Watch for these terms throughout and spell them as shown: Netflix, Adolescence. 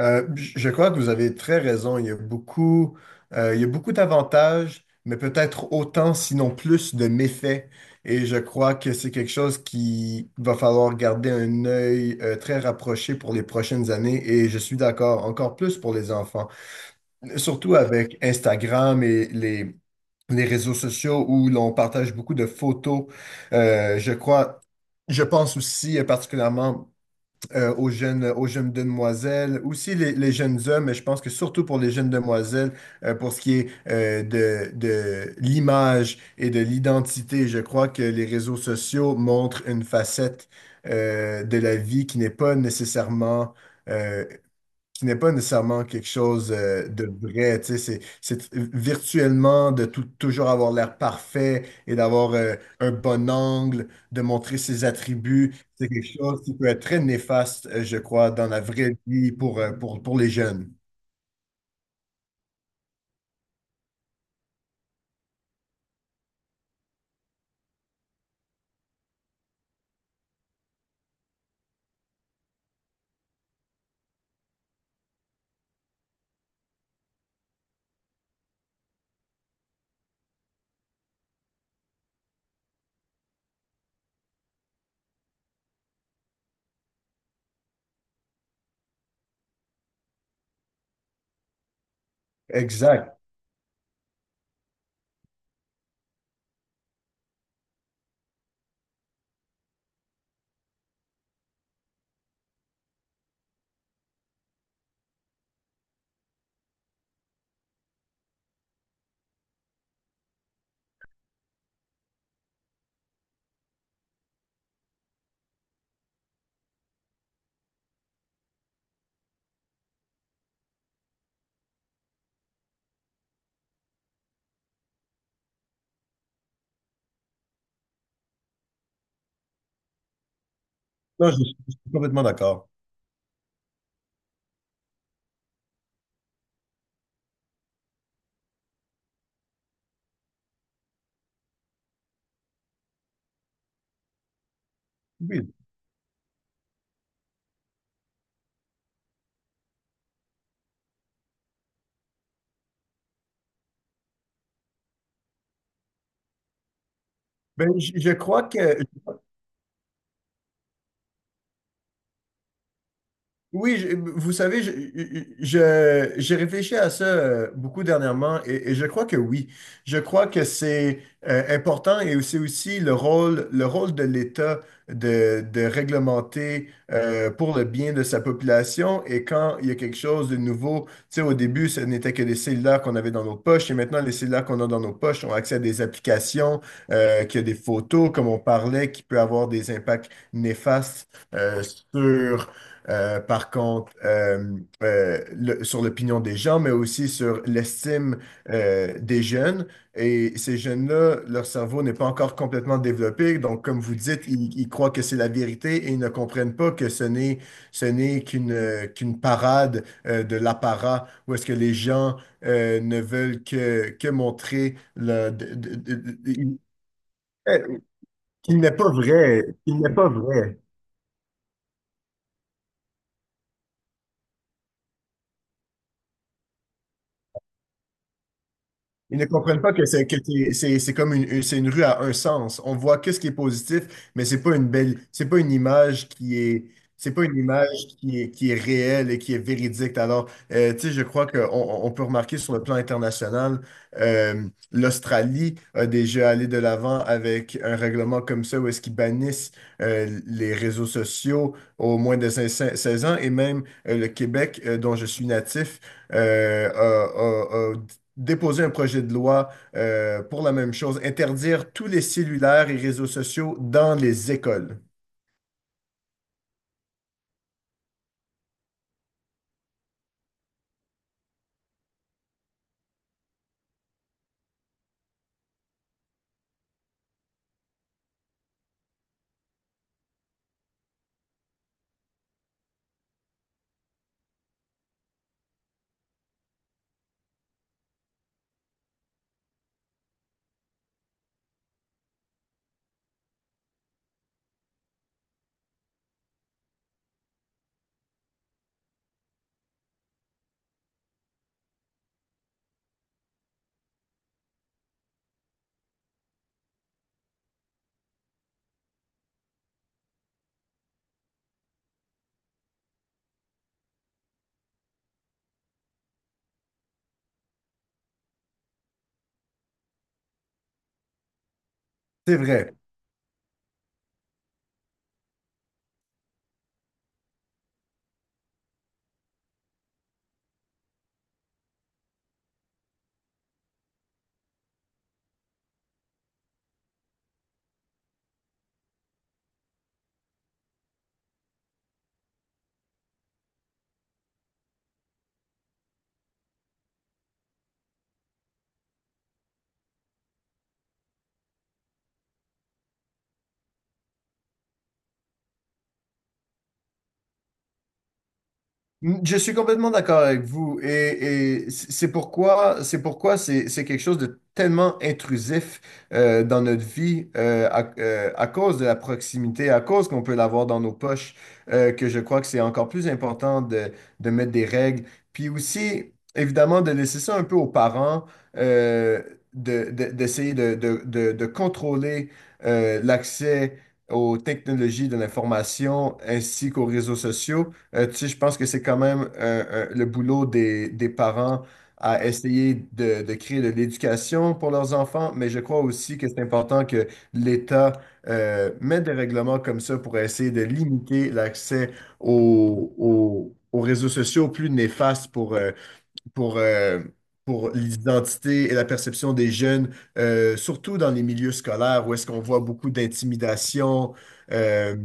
Je crois que vous avez très raison. Il y a beaucoup d'avantages, mais peut-être autant, sinon plus, de méfaits. Et je crois que c'est quelque chose qui va falloir garder un œil très rapproché pour les prochaines années. Et je suis d'accord, encore plus pour les enfants. Surtout avec Instagram et les réseaux sociaux où l'on partage beaucoup de photos. Euh, je crois, je pense aussi particulièrement aux jeunes demoiselles, aussi les jeunes hommes, mais je pense que surtout pour les jeunes demoiselles, pour ce qui est de l'image et de l'identité, je crois que les réseaux sociaux montrent une facette de la vie qui n'est pas nécessairement euh, qui n'est pas nécessairement quelque chose de vrai, tu sais, c'est virtuellement de toujours avoir l'air parfait et d'avoir un bon angle, de montrer ses attributs, c'est quelque chose qui peut être très néfaste, je crois, dans la vraie vie pour les jeunes. Exact. Non, je suis complètement d'accord. Oui. Je crois que oui. Vous savez, j'ai réfléchi à ça beaucoup dernièrement et je crois que oui. Je crois que c'est important et c'est aussi le rôle de l'État de réglementer pour le bien de sa population. Et quand il y a quelque chose de nouveau, tu sais, au début, ce n'était que les cellulaires qu'on avait dans nos poches et maintenant, les cellulaires qu'on a dans nos poches ont accès à des applications, qui a des photos, comme on parlait, qui peut avoir des impacts néfastes euh, sur par contre, le- sur l'opinion des gens, mais aussi sur l'estime des jeunes. Et ces jeunes-là, leur cerveau n'est pas encore complètement développé. Donc, comme vous dites, ils croient que c'est la vérité et ils ne comprennent pas que ce n'est qu'une qu'une parade de l'apparat où est-ce que les gens ne veulent que montrer le, de- eh, qu'il n'est pas vrai. qu'il n'est pas vrai. Ils ne comprennent pas que c'est comme c'est une rue à un sens. On voit qu'est-ce qui est positif, mais c'est pas une image c'est pas une image qui est réelle et qui est véridique. Alors, tu sais, je crois qu'on on peut remarquer sur le plan international, euh, l'Australie a déjà allé de l'avant avec un règlement comme ça où est-ce qu'ils bannissent les réseaux sociaux au moins de seize ans et même le Québec, dont je suis natif, a déposer un projet de loi pour la même chose, interdire tous les cellulaires et réseaux sociaux dans les écoles. C'est vrai. Je suis complètement d'accord avec vous et c'est pourquoi c'est quelque chose de tellement intrusif dans notre vie à cause de la proximité, à cause qu'on peut l'avoir dans nos poches, que je crois que c'est encore plus important de mettre des règles. Puis aussi, évidemment, de laisser ça un peu aux parents, euh, d'essayer de contrôler l'accès aux technologies de l'information ainsi qu'aux réseaux sociaux. Tu sais, je pense que c'est quand même le boulot des parents à essayer de créer de l'éducation pour leurs enfants, mais je crois aussi que c'est important que l'État mette des règlements comme ça pour essayer de limiter l'accès aux réseaux sociaux plus néfastes pour, euh, pour l'identité et la perception des jeunes, surtout dans les milieux scolaires où est-ce qu'on voit beaucoup d'intimidation. euh,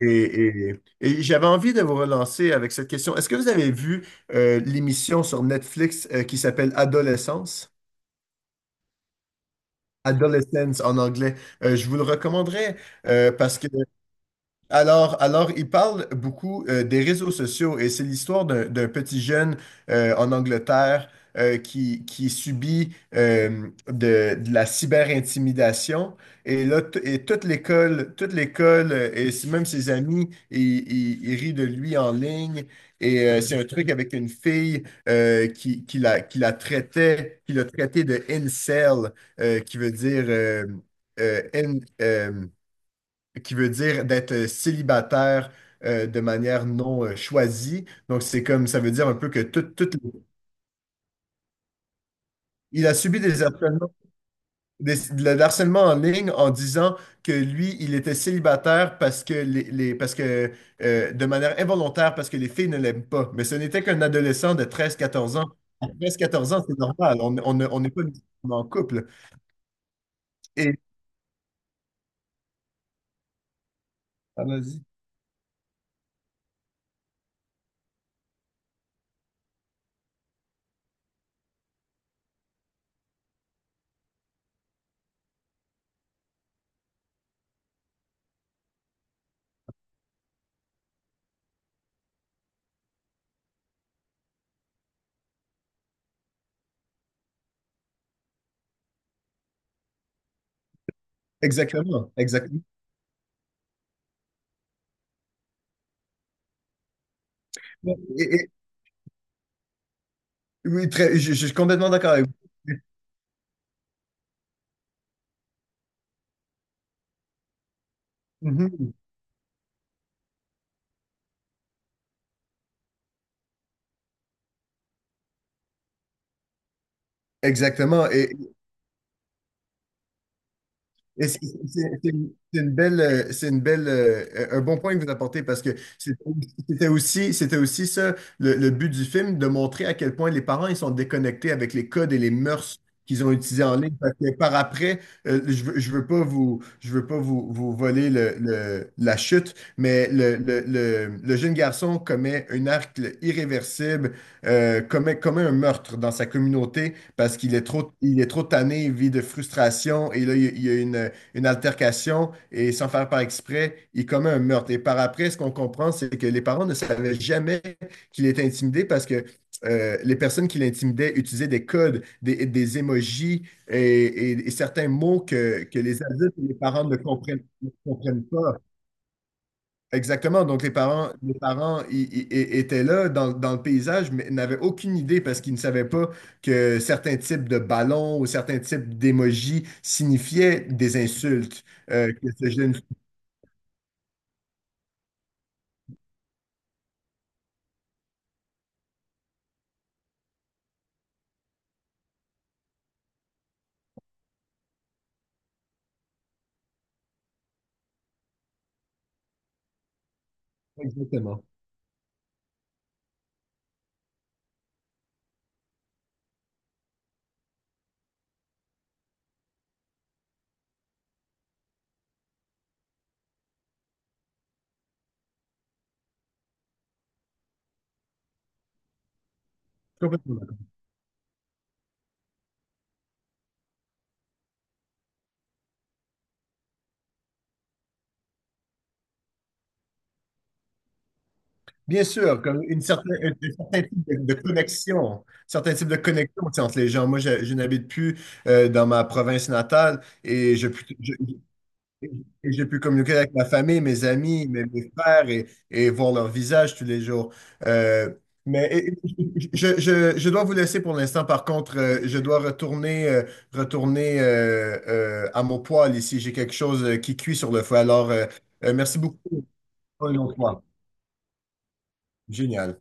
et j'avais envie de vous relancer avec cette question. Est-ce que vous avez vu l'émission sur Netflix qui s'appelle Adolescence? Adolescence en anglais. Je vous le recommanderais parce que Alors, il parle beaucoup des réseaux sociaux et c'est l'histoire d'un petit jeune en Angleterre qui subit de la cyber-intimidation. Et et toute toute l'école même ses amis, ils rient de lui en ligne. Et c'est un truc avec une fille qui la traitait, qui l'a traité de incel, euh, qui veut dire euh, euh, in- euh, qui veut dire d'être célibataire de manière non choisie. Donc, c'est comme ça veut dire un peu que il a subi des harcèlements, de l'harcèlement en ligne en disant que lui, il était célibataire parce que de manière involontaire, parce que les filles ne l'aiment pas. Mais ce n'était qu'un adolescent de 13-14 ans. À 13-14 ans, c'est normal. On n'est pas nécessairement en couple. Et ah, vas-y. Exactement, exactement. Et- et- oui, je suis complètement d'accord avec vous. Mhm. Exactement. Et c'est une belle, un bon point que vous apportez parce que c'est- c'était aussi ça le but du film, de montrer à quel point les parents ils sont déconnectés avec les codes et les mœurs qu'ils ont utilisés en ligne. Parce que par après, je veux pas vous voler la chute, mais le jeune garçon commet un acte irréversible, commet un meurtre dans sa communauté parce qu'il est trop tanné, il vit de frustration et là, il y a une altercation et sans faire par exprès, il commet un meurtre. Et par après, ce qu'on comprend, c'est que les parents ne savaient jamais qu'il était intimidé parce que les personnes qui l'intimidaient utilisaient des codes, des émojis et, et certains mots que les adultes et les parents ne ne comprennent pas. Exactement. Donc, les parents étaient là dans le paysage, mais n'avaient aucune idée parce qu'ils ne savaient pas que certains types de ballons ou certains types d'émojis signifiaient des insultes que ce jeune. Exactement. Complètement d'accord. Bien sûr, comme une un certain type de connexion, certains types de connexion, tu sais, entre les gens. Moi, je n'habite plus dans ma province natale je- et j'ai pu communiquer avec ma famille, mes amis, mes frères et voir leur visage tous les jours. Euh, je dois vous laisser pour l'instant. Par contre, retourner à mon poêle ici. J'ai quelque chose qui cuit sur le feu. Alors, merci beaucoup. Pour une autre fois. Génial.